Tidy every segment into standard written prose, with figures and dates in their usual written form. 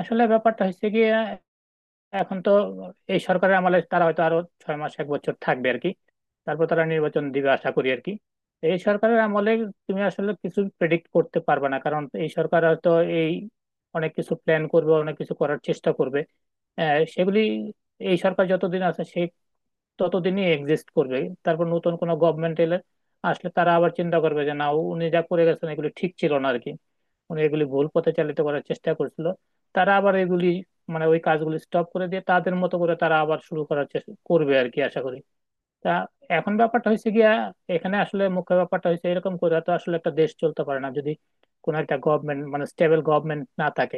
আসলে ব্যাপারটা হচ্ছে কি, এখন তো এই সরকারের আমলে তারা হয়তো আরো 6 মাস এক বছর থাকবে আর কি। তারপর তারা নির্বাচন দিবে আশা করি আর কি। তো এই সরকারের আমলে তুমি আসলে কিছু প্রেডিক্ট করতে পারবে না, কারণ এই সরকার হয়তো এই অনেক কিছু প্ল্যান করবে, অনেক কিছু করার চেষ্টা করবে। সেগুলি এই সরকার যতদিন আছে সে ততদিনই এক্সিস্ট করবে। তারপর নতুন কোনো গভর্নমেন্ট এলে আসলে তারা আবার চিন্তা করবে যে না, উনি যা করে গেছেন এগুলি ঠিক ছিল না আর কি। মানে এগুলি ভুল পথে চালিত করার চেষ্টা করছিল, তারা আবার এগুলি মানে ওই কাজগুলি স্টপ করে দিয়ে তাদের মতো করে তারা আবার শুরু করার চেষ্টা করবে আর কি, আশা করি। তা এখন ব্যাপারটা হয়েছে গিয়া, এখানে আসলে মুখ্য ব্যাপারটা হয়েছে এরকম করে তো আসলে একটা দেশ চলতে পারে না যদি কোনো একটা গভর্নমেন্ট মানে স্টেবল গভর্নমেন্ট না থাকে।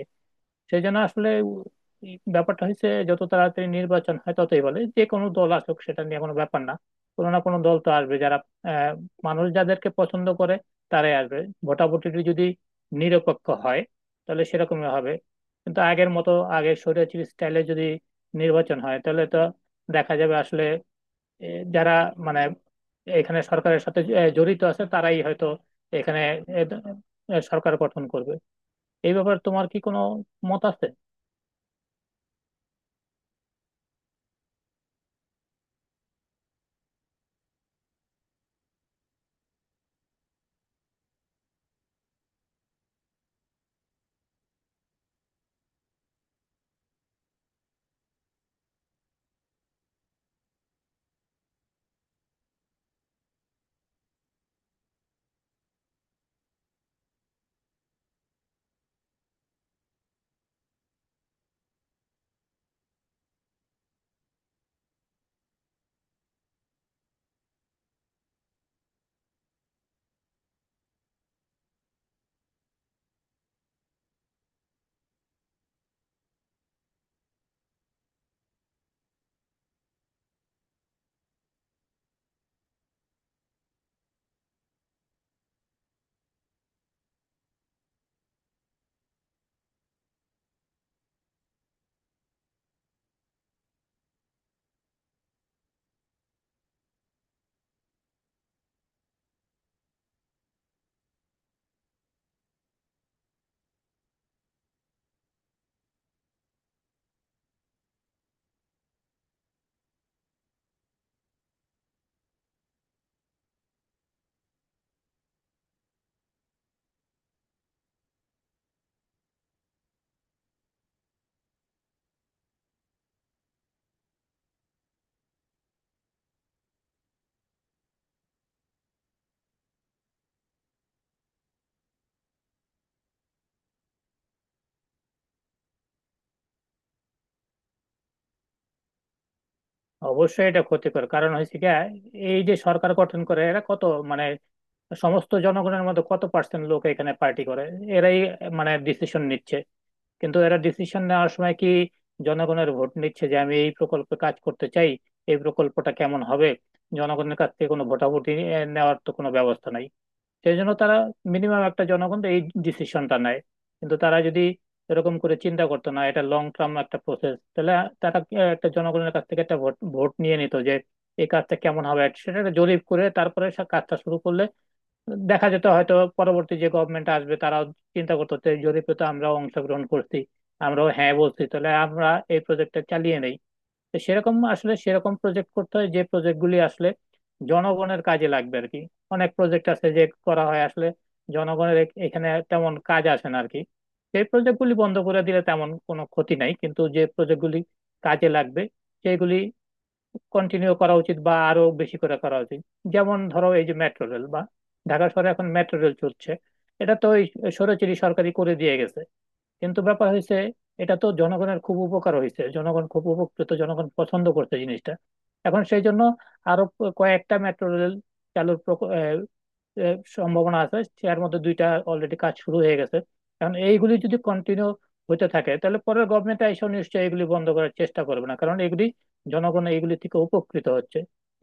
সেই জন্য আসলে এই ব্যাপারটা হচ্ছে যত তাড়াতাড়ি নির্বাচন হয় ততই ভালো, যে কোনো দল আসুক সেটা নিয়ে কোনো ব্যাপার না। কোনো না কোনো দল তো আসবে যারা আহ, মানুষ যাদেরকে পছন্দ করে তারাই আসবে। ভোটাভুটিটি যদি নিরপেক্ষ হয় তাহলে সেরকমই হবে। কিন্তু আগের মতো আগে স্বৈরাচারী স্টাইলে যদি নির্বাচন হয় তাহলে তো দেখা যাবে আসলে এ, যারা মানে এখানে সরকারের সাথে জড়িত আছে তারাই হয়তো এখানে এ, এ, সরকার গঠন করবে। এই ব্যাপারে তোমার কি কোনো মত আছে? অবশ্যই এটা ক্ষতিকর, কারণ হয়েছে কি, এই যে সরকার গঠন করে এরা কত মানে সমস্ত জনগণের মধ্যে কত পার্সেন্ট লোক এখানে পার্টি করে, এরাই মানে ডিসিশন নিচ্ছে। কিন্তু এরা ডিসিশন নেওয়ার সময় কি জনগণের ভোট নিচ্ছে যে আমি এই প্রকল্পে কাজ করতে চাই, এই প্রকল্পটা কেমন হবে? জনগণের কাছ থেকে কোনো ভোটাভুটি নেওয়ার তো কোনো ব্যবস্থা নাই। সেই জন্য তারা মিনিমাম একটা জনগণ তো এই ডিসিশনটা নেয়। কিন্তু তারা যদি এরকম করে চিন্তা করতো, না এটা লং টার্ম একটা প্রসেস, তাহলে তারা একটা জনগণের কাছ থেকে একটা ভোট ভোট নিয়ে নিত যে এই কাজটা কেমন হবে, সেটা একটা জরিপ করে তারপরে সে কাজটা শুরু করলে দেখা যেত হয়তো পরবর্তী যে গভর্নমেন্ট আসবে তারাও চিন্তা করতো যে এই জরিপে তো আমরাও অংশগ্রহণ করছি, আমরাও হ্যাঁ বলছি, তাহলে আমরা এই প্রজেক্টটা চালিয়ে নেই। তো সেরকম আসলে সেরকম প্রজেক্ট করতে হয় যে প্রজেক্ট গুলি আসলে জনগণের কাজে লাগবে আর কি। অনেক প্রজেক্ট আছে যে করা হয় আসলে জনগণের এখানে তেমন কাজ আসে না আর কি। সেই প্রজেক্ট গুলি বন্ধ করে দিলে তেমন কোনো ক্ষতি নাই, কিন্তু যে প্রজেক্ট গুলি কাজে লাগবে সেগুলি কন্টিনিউ করা উচিত বা আরো বেশি করে করা উচিত। যেমন ধরো এই যে মেট্রো রেল, বা ঢাকা শহরে এখন মেট্রো রেল চলছে, এটা তো ওই সৌরচিরি সরকারি করে দিয়ে গেছে। কিন্তু ব্যাপার হয়েছে এটা তো জনগণের খুব উপকার হয়েছে, জনগণ খুব উপকৃত, জনগণ পছন্দ করছে জিনিসটা। এখন সেই জন্য আরো কয়েকটা মেট্রো রেল চালুর প্রক- এ, এ, সম্ভাবনা আছে। এর মধ্যে দুইটা অলরেডি কাজ শুরু হয়ে গেছে। এখন এইগুলি যদি কন্টিনিউ হতে থাকে তাহলে পরের গভর্নমেন্ট এসে নিশ্চয়ই এগুলি বন্ধ করার চেষ্টা করবে না, কারণ এগুলি জনগণ এগুলি থেকে উপকৃত হচ্ছে।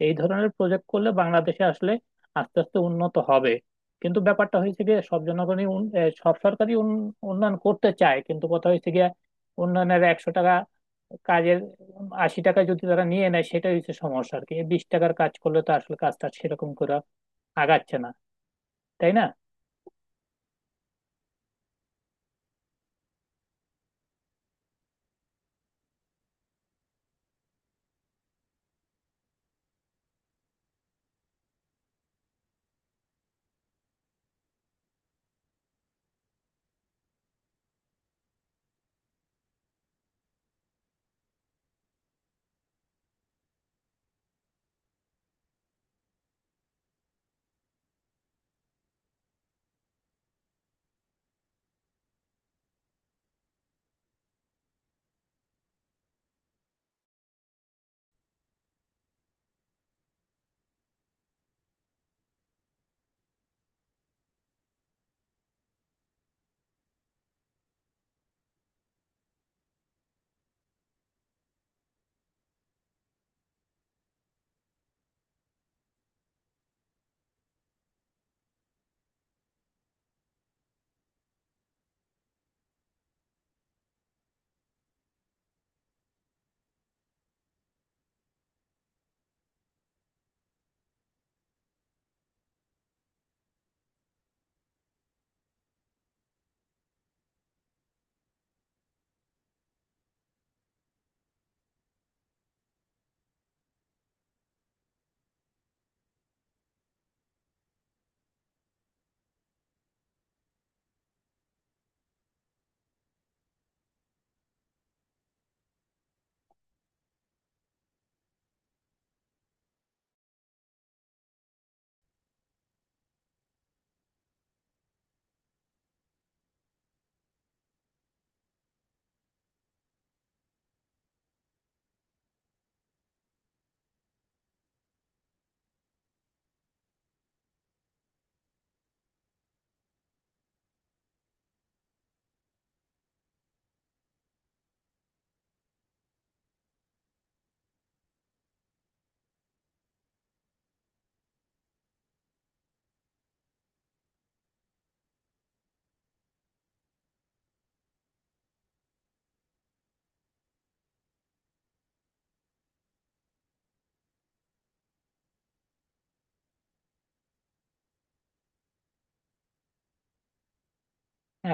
এই ধরনের প্রজেক্ট করলে বাংলাদেশে আসলে আস্তে আস্তে উন্নত হবে। কিন্তু ব্যাপারটা হয়েছে গিয়ে সব জনগণই সব সরকারই উন্নয়ন করতে চায়, কিন্তু কথা হয়েছে গিয়ে উন্নয়নের 100 টাকা কাজের 80 টাকা যদি তারা নিয়ে নেয় সেটাই হচ্ছে সমস্যা আর কি, 20 টাকার কাজ করলে তো আসলে কাজটা সেরকম করে আগাচ্ছে না, তাই না?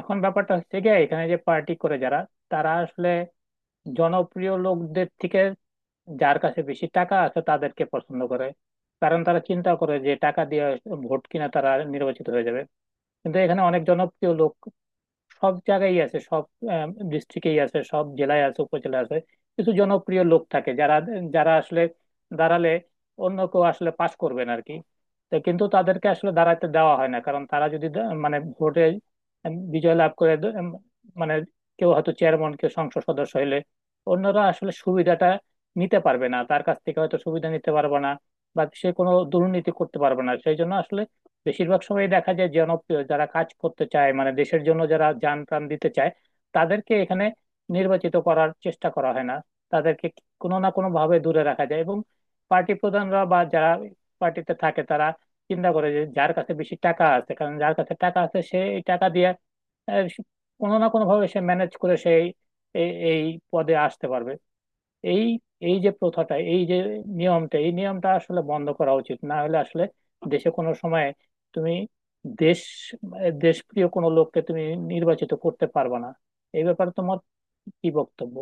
এখন ব্যাপারটা হচ্ছে কি, এখানে যে পার্টি করে যারা, তারা আসলে জনপ্রিয় লোকদের থেকে যার কাছে বেশি টাকা আছে তাদেরকে পছন্দ করে। কারণ তারা চিন্তা করে যে টাকা দিয়ে ভোট কিনা তারা নির্বাচিত হয়ে যাবে। কিন্তু এখানে অনেক জনপ্রিয় লোক সব জায়গায় আছে, সব ডিস্ট্রিক্টেই আছে, সব জেলায় আছে, উপজেলায় আছে। কিছু জনপ্রিয় লোক থাকে যারা যারা আসলে দাঁড়ালে অন্য কেউ আসলে পাশ করবেন আর কি। তো কিন্তু তাদেরকে আসলে দাঁড়াতে দেওয়া হয় না, কারণ তারা যদি মানে ভোটে বিজয় লাভ করে মানে কেউ হয়তো চেয়ারম্যান, কেউ সংসদ সদস্য হইলে অন্যরা আসলে সুবিধাটা নিতে পারবে না, তার কাছ থেকে হয়তো সুবিধা নিতে পারবে না বা সে কোনো দুর্নীতি করতে পারবে না। সেই জন্য আসলে বেশিরভাগ সময় দেখা যায় জনপ্রিয় যারা কাজ করতে চায়, মানে দেশের জন্য যারা জান প্রাণ দিতে চায় তাদেরকে এখানে নির্বাচিত করার চেষ্টা করা হয় না, তাদেরকে কোনো না কোনো ভাবে দূরে রাখা যায়। এবং পার্টি প্রধানরা বা যারা পার্টিতে থাকে তারা চিন্তা করে যে যার কাছে বেশি টাকা আছে, কারণ যার কাছে টাকা আছে সে এই টাকা দিয়ে আহ, কোনো না কোনো ভাবে সে ম্যানেজ করে সেই এই এই পদে আসতে পারবে। এই এই যে প্রথাটা, এই যে নিয়মটা, এই নিয়মটা আসলে বন্ধ করা উচিত, না হলে আসলে দেশে কোনো সময় তুমি দেশ দেশপ্রিয় কোনো লোককে তুমি নির্বাচিত করতে পারবে না। এই ব্যাপারে তোমার কি বক্তব্য?